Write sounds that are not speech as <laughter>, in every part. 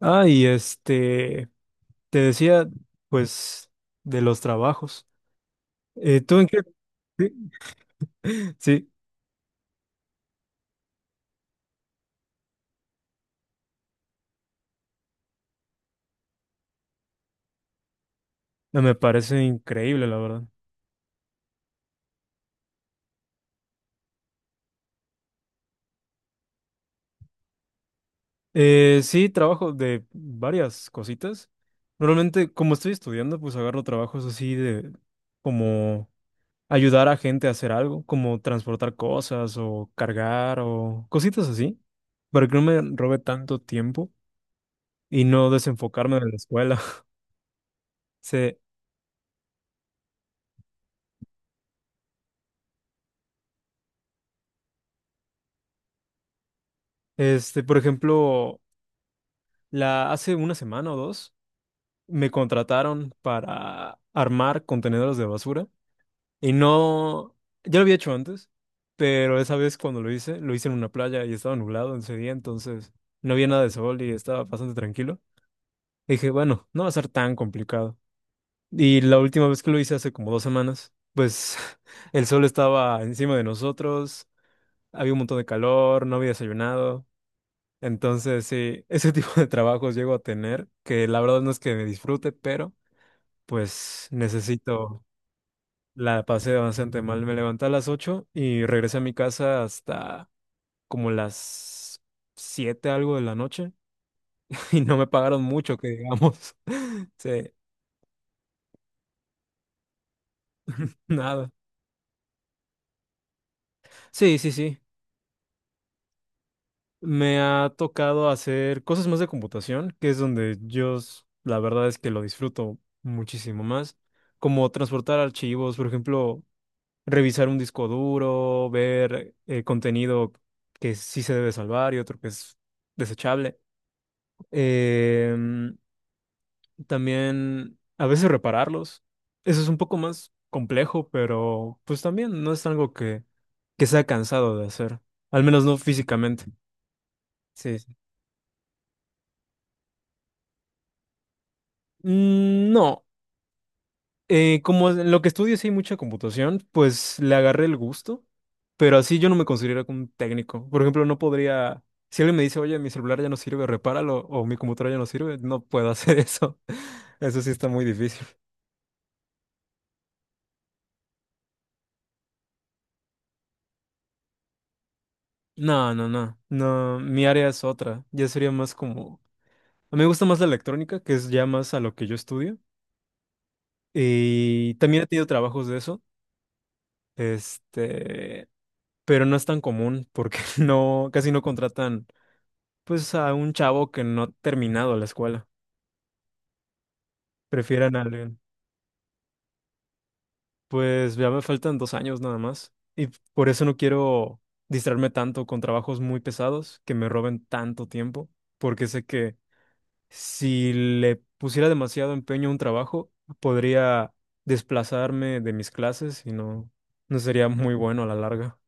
Ah, y te decía, pues, de los trabajos. ¿Tú en qué? Sí, <laughs> sí, no, me parece increíble, la verdad. Sí, trabajo de varias cositas. Normalmente, como estoy estudiando, pues agarro trabajos así de como ayudar a gente a hacer algo, como transportar cosas o cargar o cositas así, para que no me robe tanto tiempo y no desenfocarme de la escuela. <laughs> Sí, por ejemplo. La, hace una semana o dos me contrataron para armar contenedores de basura y no, ya lo había hecho antes, pero esa vez cuando lo hice en una playa y estaba nublado ese día, entonces no había nada de sol y estaba bastante tranquilo. Y dije, bueno, no va a ser tan complicado. Y la última vez que lo hice hace como 2 semanas, pues <laughs> el sol estaba encima de nosotros, había un montón de calor, no había desayunado. Entonces, sí, ese <laughs> tipo de trabajos llego a tener, que la verdad no es que me disfrute, pero pues necesito, la pasé bastante mal. Me levanté a las 8 y regresé a mi casa hasta como las 7 algo de la noche <laughs> y no me pagaron mucho, que digamos. <laughs> Sí, nada. Sí, sí, sí. Me ha tocado hacer cosas más de computación, que es donde yo, la verdad es que lo disfruto muchísimo más como transportar archivos, por ejemplo, revisar un disco duro, ver contenido que sí se debe salvar y otro que es desechable. Em, También a veces repararlos. Eso es un poco más complejo, pero pues también no es algo que sea cansado de hacer, al menos no físicamente. Sí, sí. Mm, no. Como en lo que estudio sí hay mucha computación, pues le agarré el gusto, pero así yo no me considero como un técnico. Por ejemplo, no podría, si alguien me dice, oye, mi celular ya no sirve, repáralo, o mi computadora ya no sirve, no puedo hacer eso. <laughs> Eso sí está muy difícil. No, no, no, no, mi área es otra, ya sería más como, a mí me gusta más la electrónica, que es ya más a lo que yo estudio, y también he tenido trabajos de eso, este, pero no es tan común porque <laughs> no, casi no contratan pues a un chavo que no ha terminado la escuela. Prefieran a alguien. Pues ya me faltan 2 años nada más. Y por eso no quiero distraerme tanto con trabajos muy pesados que me roben tanto tiempo. Porque sé que si le pusiera demasiado empeño a un trabajo, podría desplazarme de mis clases y no, no sería muy bueno a la larga.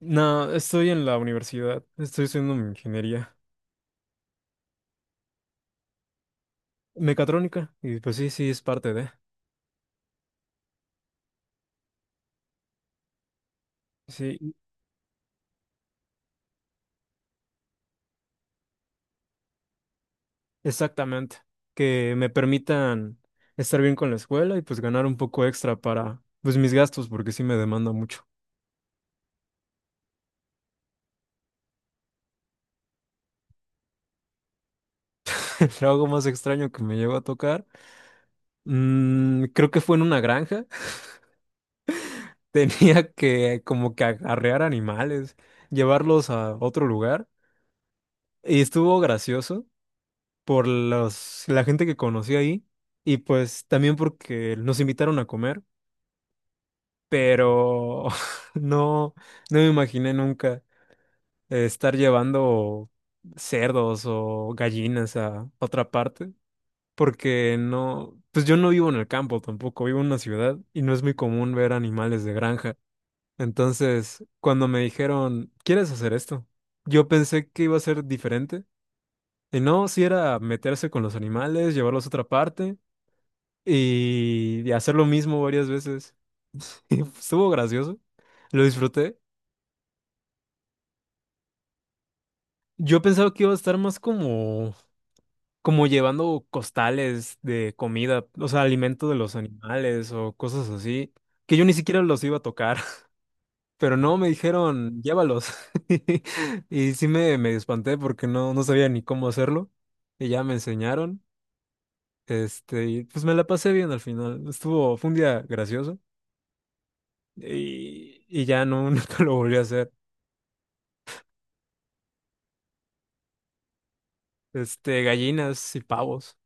No, estoy en la universidad. Estoy haciendo mi ingeniería mecatrónica. Y pues sí, sí, es parte de. Sí, exactamente, que me permitan estar bien con la escuela y pues ganar un poco extra para pues mis gastos, porque sí me demanda mucho. <laughs> El trabajo más extraño que me llegó a tocar, mm, creo que fue en una granja. <laughs> Tenía que como que arrear animales, llevarlos a otro lugar y estuvo gracioso por los, la gente que conocí ahí y pues también porque nos invitaron a comer, pero <laughs> no, no me imaginé nunca estar llevando cerdos o gallinas a otra parte, porque no, pues yo no vivo en el campo tampoco, vivo en una ciudad y no es muy común ver animales de granja. Entonces, cuando me dijeron, ¿quieres hacer esto? Yo pensé que iba a ser diferente. Y no, si era meterse con los animales, llevarlos a otra parte y hacer lo mismo varias veces. <laughs> Estuvo gracioso, lo disfruté. Yo pensaba que iba a estar más como como llevando costales de comida, o sea, alimento de los animales o cosas así, que yo ni siquiera los iba a tocar, <laughs> pero no, me dijeron, llévalos. <laughs> Y sí me espanté porque no, no sabía ni cómo hacerlo. Y ya me enseñaron. Y pues me la pasé bien al final. Estuvo, fue un día gracioso. Y ya no, <laughs> nunca lo volví a hacer. Gallinas y pavos.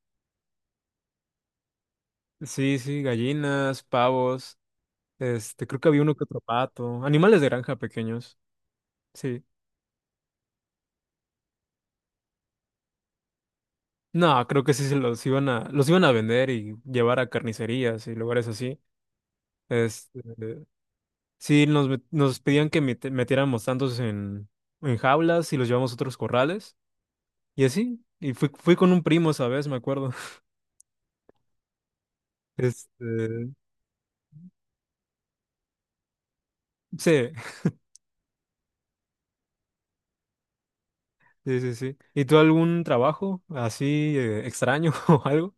Sí, sí, gallinas, pavos. Creo que había uno que otro pato. Animales de granja pequeños. Sí. No, creo que sí se los iban a vender y llevar a carnicerías y lugares así. Este, sí, nos, nos pedían que metiéramos tantos en jaulas y los llevamos a otros corrales. Y así. Y fui, fui con un primo esa vez, me acuerdo. <laughs> Este, sí, sí, sí, sí. ¿Y tú algún trabajo así extraño <laughs> o algo?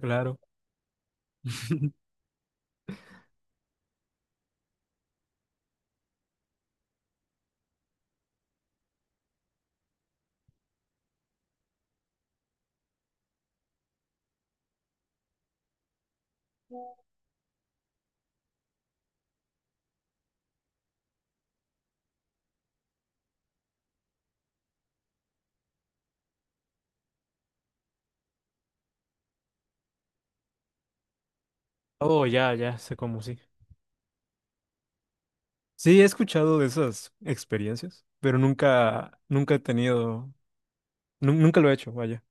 Claro. <laughs> Oh, ya, ya, sé cómo sí. Sí, he escuchado de esas experiencias, pero nunca, nunca he tenido. Nunca lo he hecho, vaya.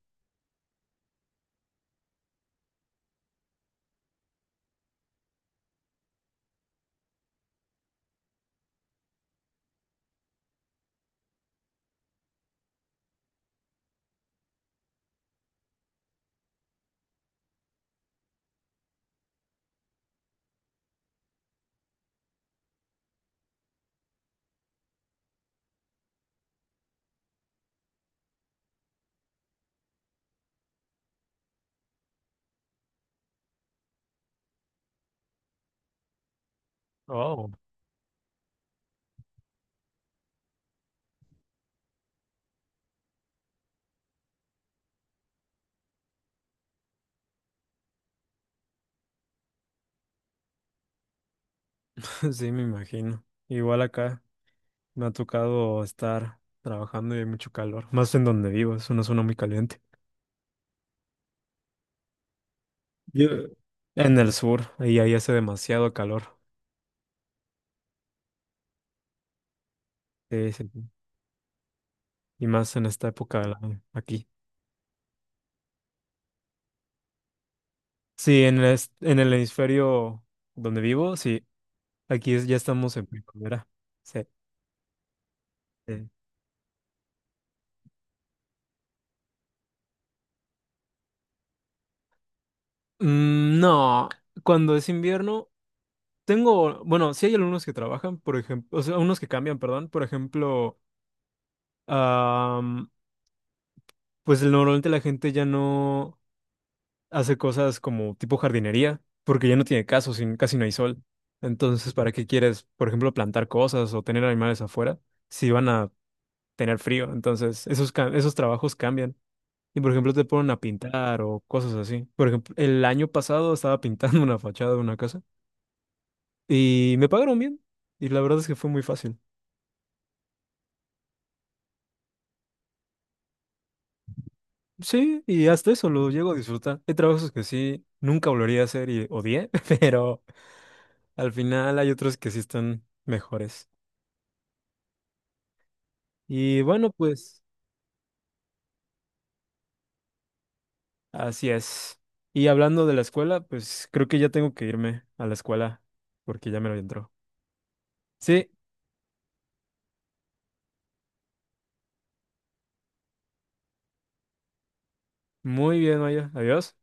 Oh. <laughs> Sí, me imagino. Igual acá me ha tocado estar trabajando y hay mucho calor. Más en donde vivo, es una zona muy caliente. Yo, en el sur, ahí hace demasiado calor. Sí, sí, sí. Y más en esta época del año, aquí. Sí, en el, en el hemisferio donde vivo, sí. Aquí ya estamos en primavera. Sí, sí. Mm, no, cuando es invierno, tengo, bueno, sí hay algunos que trabajan, por ejemplo, o sea, unos que cambian, perdón. Por ejemplo, am, pues normalmente la gente ya no hace cosas como tipo jardinería, porque ya no tiene caso, sin, casi no hay sol. Entonces, ¿para qué quieres, por ejemplo, plantar cosas o tener animales afuera si van a tener frío? Entonces, esos, esos trabajos cambian. Y, por ejemplo, te ponen a pintar o cosas así. Por ejemplo, el año pasado estaba pintando <laughs> una fachada de una casa y me pagaron bien. Y la verdad es que fue muy fácil. Sí, y hasta eso lo llego a disfrutar. Hay trabajos que sí, nunca volvería a hacer y odié, <laughs> pero al final hay otros que sí están mejores. Y bueno, pues así es. Y hablando de la escuela, pues creo que ya tengo que irme a la escuela porque ya me lo entró. Sí, muy bien, Maya. Adiós.